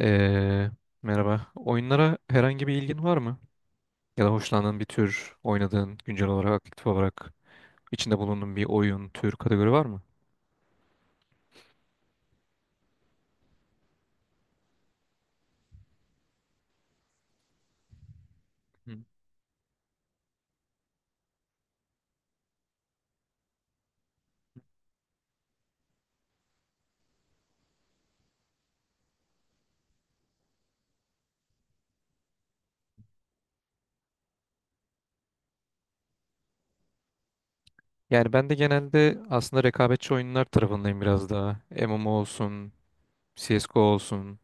Ee, merhaba. Oyunlara herhangi bir ilgin var mı? Ya da hoşlandığın bir tür, oynadığın, güncel olarak, aktif olarak içinde bulunduğun bir oyun, tür, kategori var mı? Hı. Yani ben de genelde aslında rekabetçi oyunlar tarafındayım biraz daha. MMO olsun, CSGO olsun,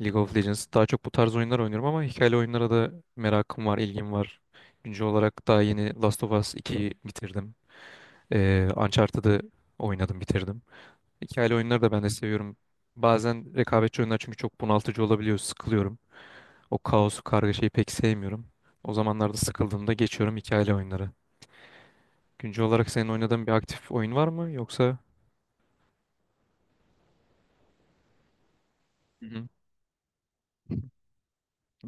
League of Legends. Daha çok bu tarz oyunlar oynuyorum ama hikayeli oyunlara da merakım var, ilgim var. Güncel olarak daha yeni Last of Us 2'yi bitirdim. Uncharted'ı oynadım, bitirdim. Hikayeli oyunları da ben de seviyorum. Bazen rekabetçi oyunlar çünkü çok bunaltıcı olabiliyor. Sıkılıyorum. O kaosu, kargaşayı pek sevmiyorum. O zamanlarda sıkıldığımda geçiyorum hikayeli oyunlara. Güncel olarak senin oynadığın bir aktif oyun var mı yoksa? Hı hı.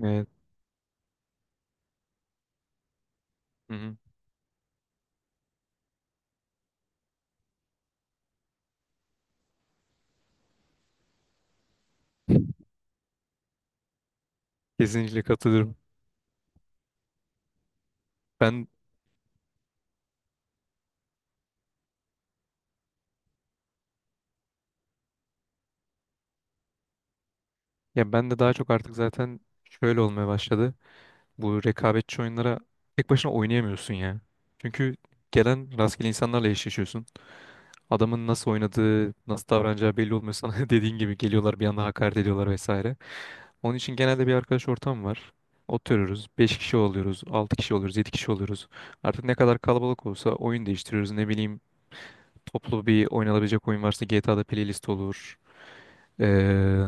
Evet. Hı hı. Kesinlikle katılıyorum. Ben ya ben de daha çok artık zaten şöyle olmaya başladı. Bu rekabetçi oyunlara tek başına oynayamıyorsun ya. Çünkü gelen rastgele insanlarla eşleşiyorsun. Adamın nasıl oynadığı, nasıl davranacağı belli olmuyor sana. Dediğin gibi geliyorlar bir anda hakaret ediyorlar vesaire. Onun için genelde bir arkadaş ortam var. Oturuyoruz. Beş kişi oluyoruz, 6 kişi oluyoruz, 7 kişi oluyoruz. Artık ne kadar kalabalık olsa oyun değiştiriyoruz. Ne bileyim toplu bir oynanabilecek oyun varsa GTA'da playlist olur. Ee,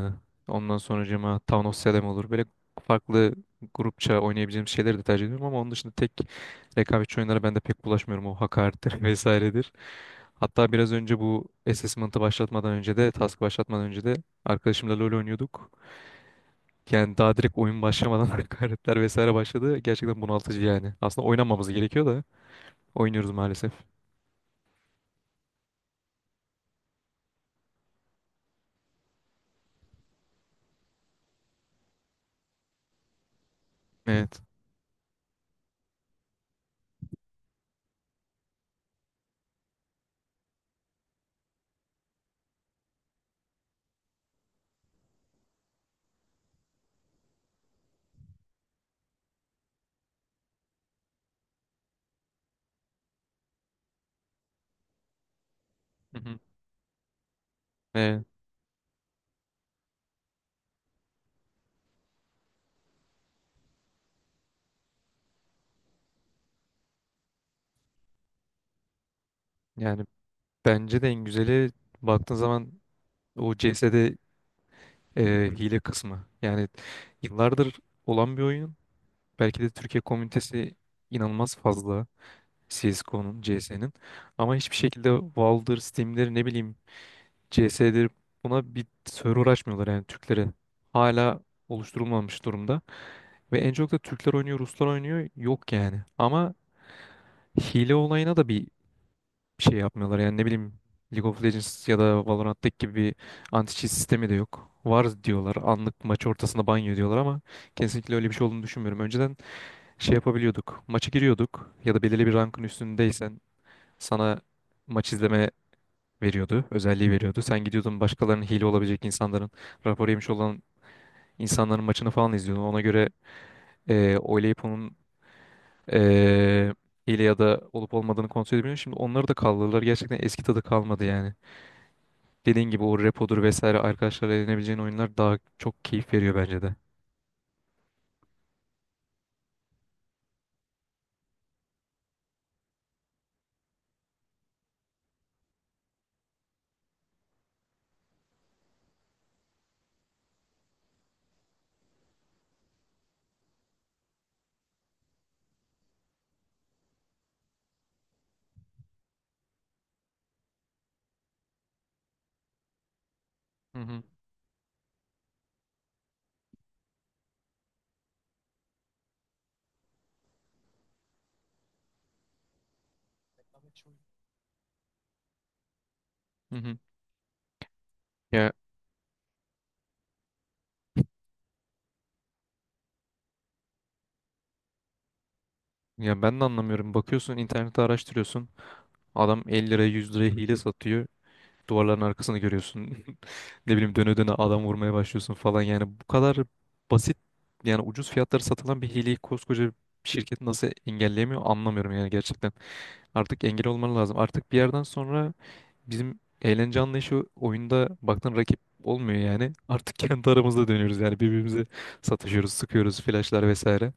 ondan sonracığıma Town of Salem olur. Böyle farklı grupça oynayabileceğim şeyleri de tercih ediyorum ama onun dışında tek rekabetçi oyunlara ben de pek bulaşmıyorum. O hakarettir vesairedir. Hatta biraz önce bu assessment'ı başlatmadan önce de, task başlatmadan önce de arkadaşımla LoL oynuyorduk. Yani daha direkt oyun başlamadan hakaretler vesaire başladı. Gerçekten bunaltıcı yani. Aslında oynamamız gerekiyor da oynuyoruz maalesef. Evet. Hı hı. Ee, yani bence de en güzeli baktığın zaman o CS'de Hı hile kısmı. Yani yıllardır olan bir oyun. Belki de Türkiye komünitesi inanılmaz fazla CSGO'nun, CS'nin. Ama hiçbir şekilde Valve'dır, Steam'dir, ne bileyim CS'dir buna bir server açmıyorlar yani Türklere. Hala oluşturulmamış durumda. Ve en çok da Türkler oynuyor, Ruslar oynuyor. Yok yani. Ama hile olayına da bir şey yapmıyorlar. Yani ne bileyim League of Legends ya da Valorant'taki gibi bir anti-cheat sistemi de yok. Var diyorlar. Anlık maç ortasında banyo diyorlar ama kesinlikle öyle bir şey olduğunu düşünmüyorum. Önceden şey yapabiliyorduk. Maça giriyorduk ya da belirli bir rankın üstündeysen sana maç izleme veriyordu. Özelliği veriyordu. Sen gidiyordun başkalarının hile olabilecek insanların, rapor yemiş olan insanların maçını falan izliyordun. Ona göre oylayıp onun eee hile ya da olup olmadığını kontrol edebiliyorsun. Şimdi onları da kaldırdılar. Gerçekten eski tadı kalmadı yani. Dediğin gibi o repodur vesaire arkadaşlarla eğlenebileceğin oyunlar daha çok keyif veriyor bence de. Hı hı. Hı hı. Ya ya ben de anlamıyorum. Bakıyorsun internette araştırıyorsun. Adam 50 liraya 100 liraya hile satıyor. Duvarların arkasını görüyorsun. Ne bileyim döne döne adam vurmaya başlıyorsun falan. Yani bu kadar basit yani ucuz fiyatlara satılan bir hileyi koskoca bir şirket nasıl engelleyemiyor anlamıyorum yani gerçekten. Artık engel olman lazım. Artık bir yerden sonra bizim eğlence anlayışı oyunda baktın rakip olmuyor yani. Artık kendi aramızda dönüyoruz yani birbirimize satışıyoruz, sıkıyoruz, flashlar vesaire.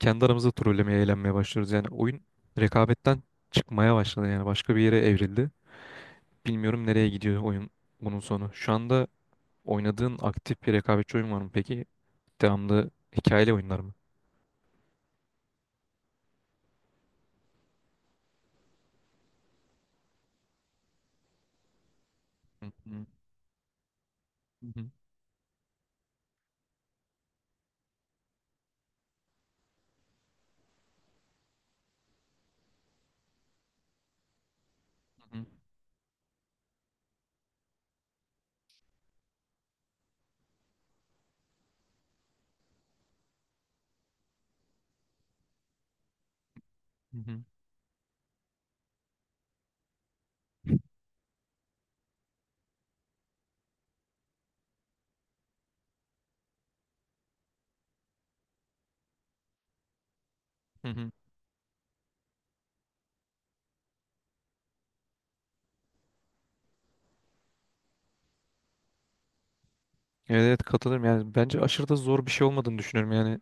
Kendi aramızda trollemeye, eğlenmeye başlıyoruz. Yani oyun rekabetten çıkmaya başladı yani başka bir yere evrildi. Bilmiyorum nereye gidiyor oyun bunun sonu. Şu anda oynadığın aktif bir rekabetçi oyun var mı peki? Devamlı hikayeli oyunlar mı? Hı hı, hı hı, hı hı, hı hı, hı hı. Evet, evet katılırım yani bence aşırı da zor bir şey olmadığını düşünüyorum yani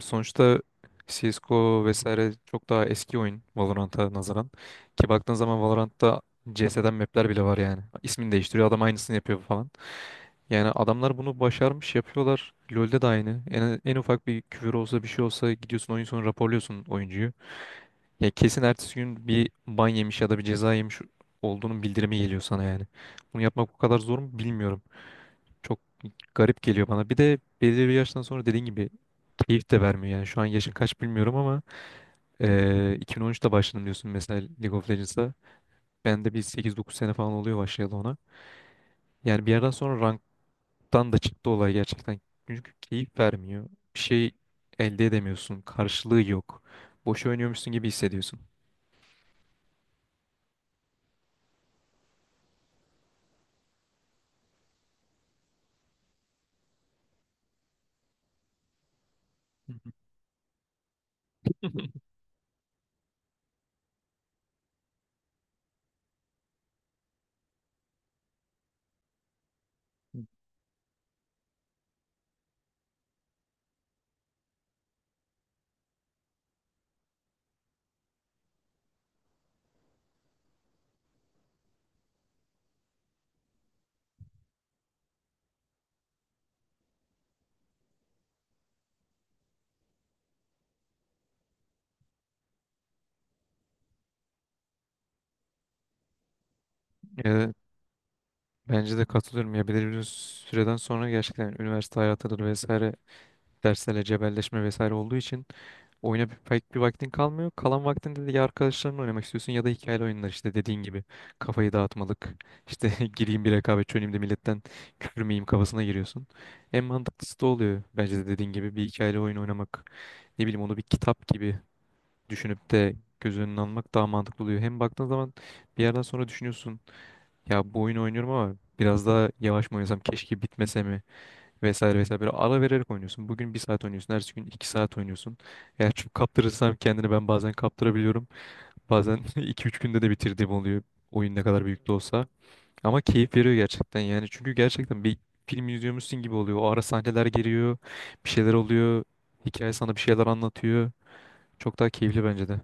sonuçta CSGO vesaire çok daha eski oyun Valorant'a nazaran ki baktığın zaman Valorant'ta CS'den map'ler bile var yani ismini değiştiriyor adam aynısını yapıyor falan yani adamlar bunu başarmış yapıyorlar LoL'de de aynı en ufak bir küfür olsa bir şey olsa gidiyorsun oyun sonu raporluyorsun oyuncuyu ya kesin ertesi gün bir ban yemiş ya da bir ceza yemiş olduğunun bildirimi geliyor sana yani bunu yapmak o kadar zor mu bilmiyorum çok garip geliyor bana. Bir de belirli bir yaştan sonra dediğin gibi keyif de vermiyor. Yani şu an yaşın kaç bilmiyorum ama 2013'te başladım diyorsun mesela League of Legends'a. Ben de bir 8-9 sene falan oluyor başlayalı ona. Yani bir yerden sonra ranktan da çıktı olay gerçekten. Çünkü keyif vermiyor. Bir şey elde edemiyorsun. Karşılığı yok. Boş oynuyormuşsun gibi hissediyorsun. Eee, bence de katılıyorum. Ya belirli bir süreden sonra gerçekten üniversite hayatıdır vesaire derslerle cebelleşme vesaire olduğu için oyuna pek bir vaktin kalmıyor. Kalan vaktinde de ya arkadaşlarınla oynamak istiyorsun ya da hikayeli oyunlar işte dediğin gibi. Kafayı dağıtmalık. İşte gireyim bir rekabet çöneyim de milletten küfür miyim kafasına giriyorsun. En mantıklısı da oluyor. Bence de dediğin gibi bir hikayeli oyun oynamak. Ne bileyim onu bir kitap gibi düşünüp de göz önüne almak daha mantıklı oluyor. Hem baktığın zaman bir yerden sonra düşünüyorsun. Ya bu oyunu oynuyorum ama biraz daha yavaş mı oynasam keşke bitmese mi? Vesaire vesaire böyle ara vererek oynuyorsun. Bugün bir saat oynuyorsun. Ertesi gün 2 saat oynuyorsun. Eğer çok kaptırırsam kendini ben bazen kaptırabiliyorum. Bazen iki üç günde de bitirdiğim oluyor. Oyun ne kadar büyük de olsa. Ama keyif veriyor gerçekten yani. Çünkü gerçekten bir film izliyormuşsun gibi oluyor. O ara sahneler geliyor. Bir şeyler oluyor. Hikaye sana bir şeyler anlatıyor. Çok daha keyifli bence de.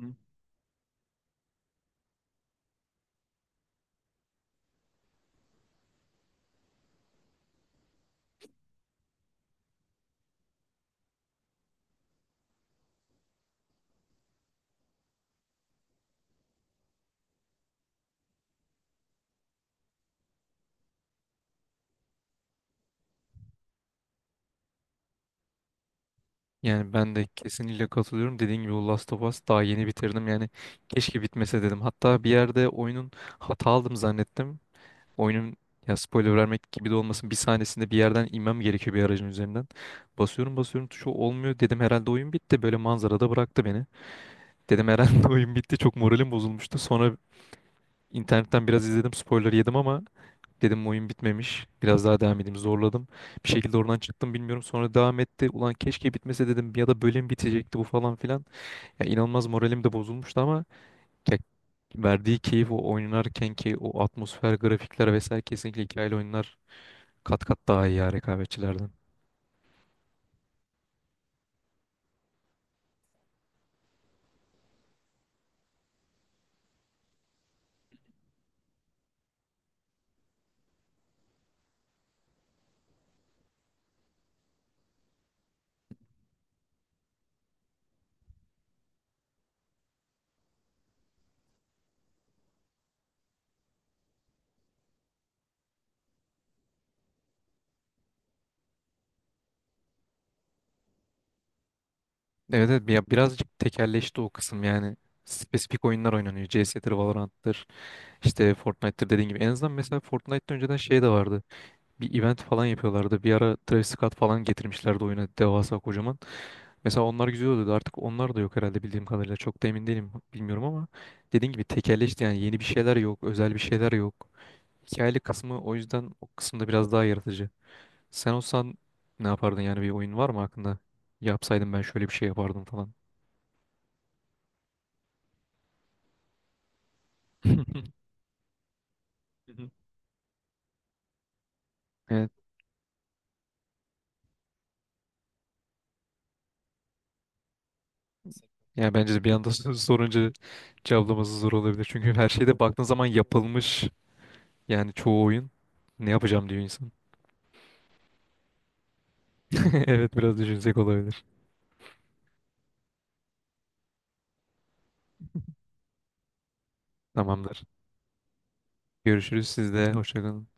Hı. Yani ben de kesinlikle katılıyorum. Dediğin gibi o Last of Us daha yeni bitirdim. Yani keşke bitmese dedim. Hatta bir yerde oyunun hata aldım zannettim. Oyunun ya spoiler vermek gibi de olmasın bir sahnesinde bir yerden inmem gerekiyor bir aracın üzerinden. Basıyorum basıyorum tuşu olmuyor dedim herhalde oyun bitti böyle manzarada bıraktı beni. Dedim herhalde oyun bitti çok moralim bozulmuştu. Sonra internetten biraz izledim spoiler yedim ama dedim oyun bitmemiş biraz daha devam edeyim zorladım. Bir şekilde oradan çıktım bilmiyorum sonra devam etti. Ulan keşke bitmese dedim ya da bölüm bitecekti bu falan filan. Ya inanılmaz moralim de bozulmuştu ama ya verdiği keyif o oynarken ki o atmosfer grafikler vesaire kesinlikle hikayeli oyunlar kat kat daha iyi ya rekabetçilerden. Evet evet ya birazcık tekelleşti o kısım yani. Spesifik oyunlar oynanıyor. CS'dir, Valorant'tır, işte Fortnite'tır dediğin gibi. En azından mesela Fortnite'da önceden şey de vardı. Bir event falan yapıyorlardı. Bir ara Travis Scott falan getirmişlerdi oyuna devasa kocaman. Mesela onlar güzel oluyordu. Artık onlar da yok herhalde bildiğim kadarıyla. Çok da emin değilim bilmiyorum ama dediğin gibi tekelleşti yani yeni bir şeyler yok, özel bir şeyler yok. Hikayeli kısmı o yüzden o kısımda biraz daha yaratıcı. Sen olsan ne yapardın yani bir oyun var mı aklında? Yapsaydım ben şöyle bir şey yapardım falan. Evet. Yani bence de bir anda sorunca cevaplaması zor olabilir. Çünkü her şeyde baktığın zaman yapılmış yani çoğu oyun. Ne yapacağım diyor insan. Evet biraz düşünsek olabilir. Tamamdır. Görüşürüz sizde. Hoşçakalın.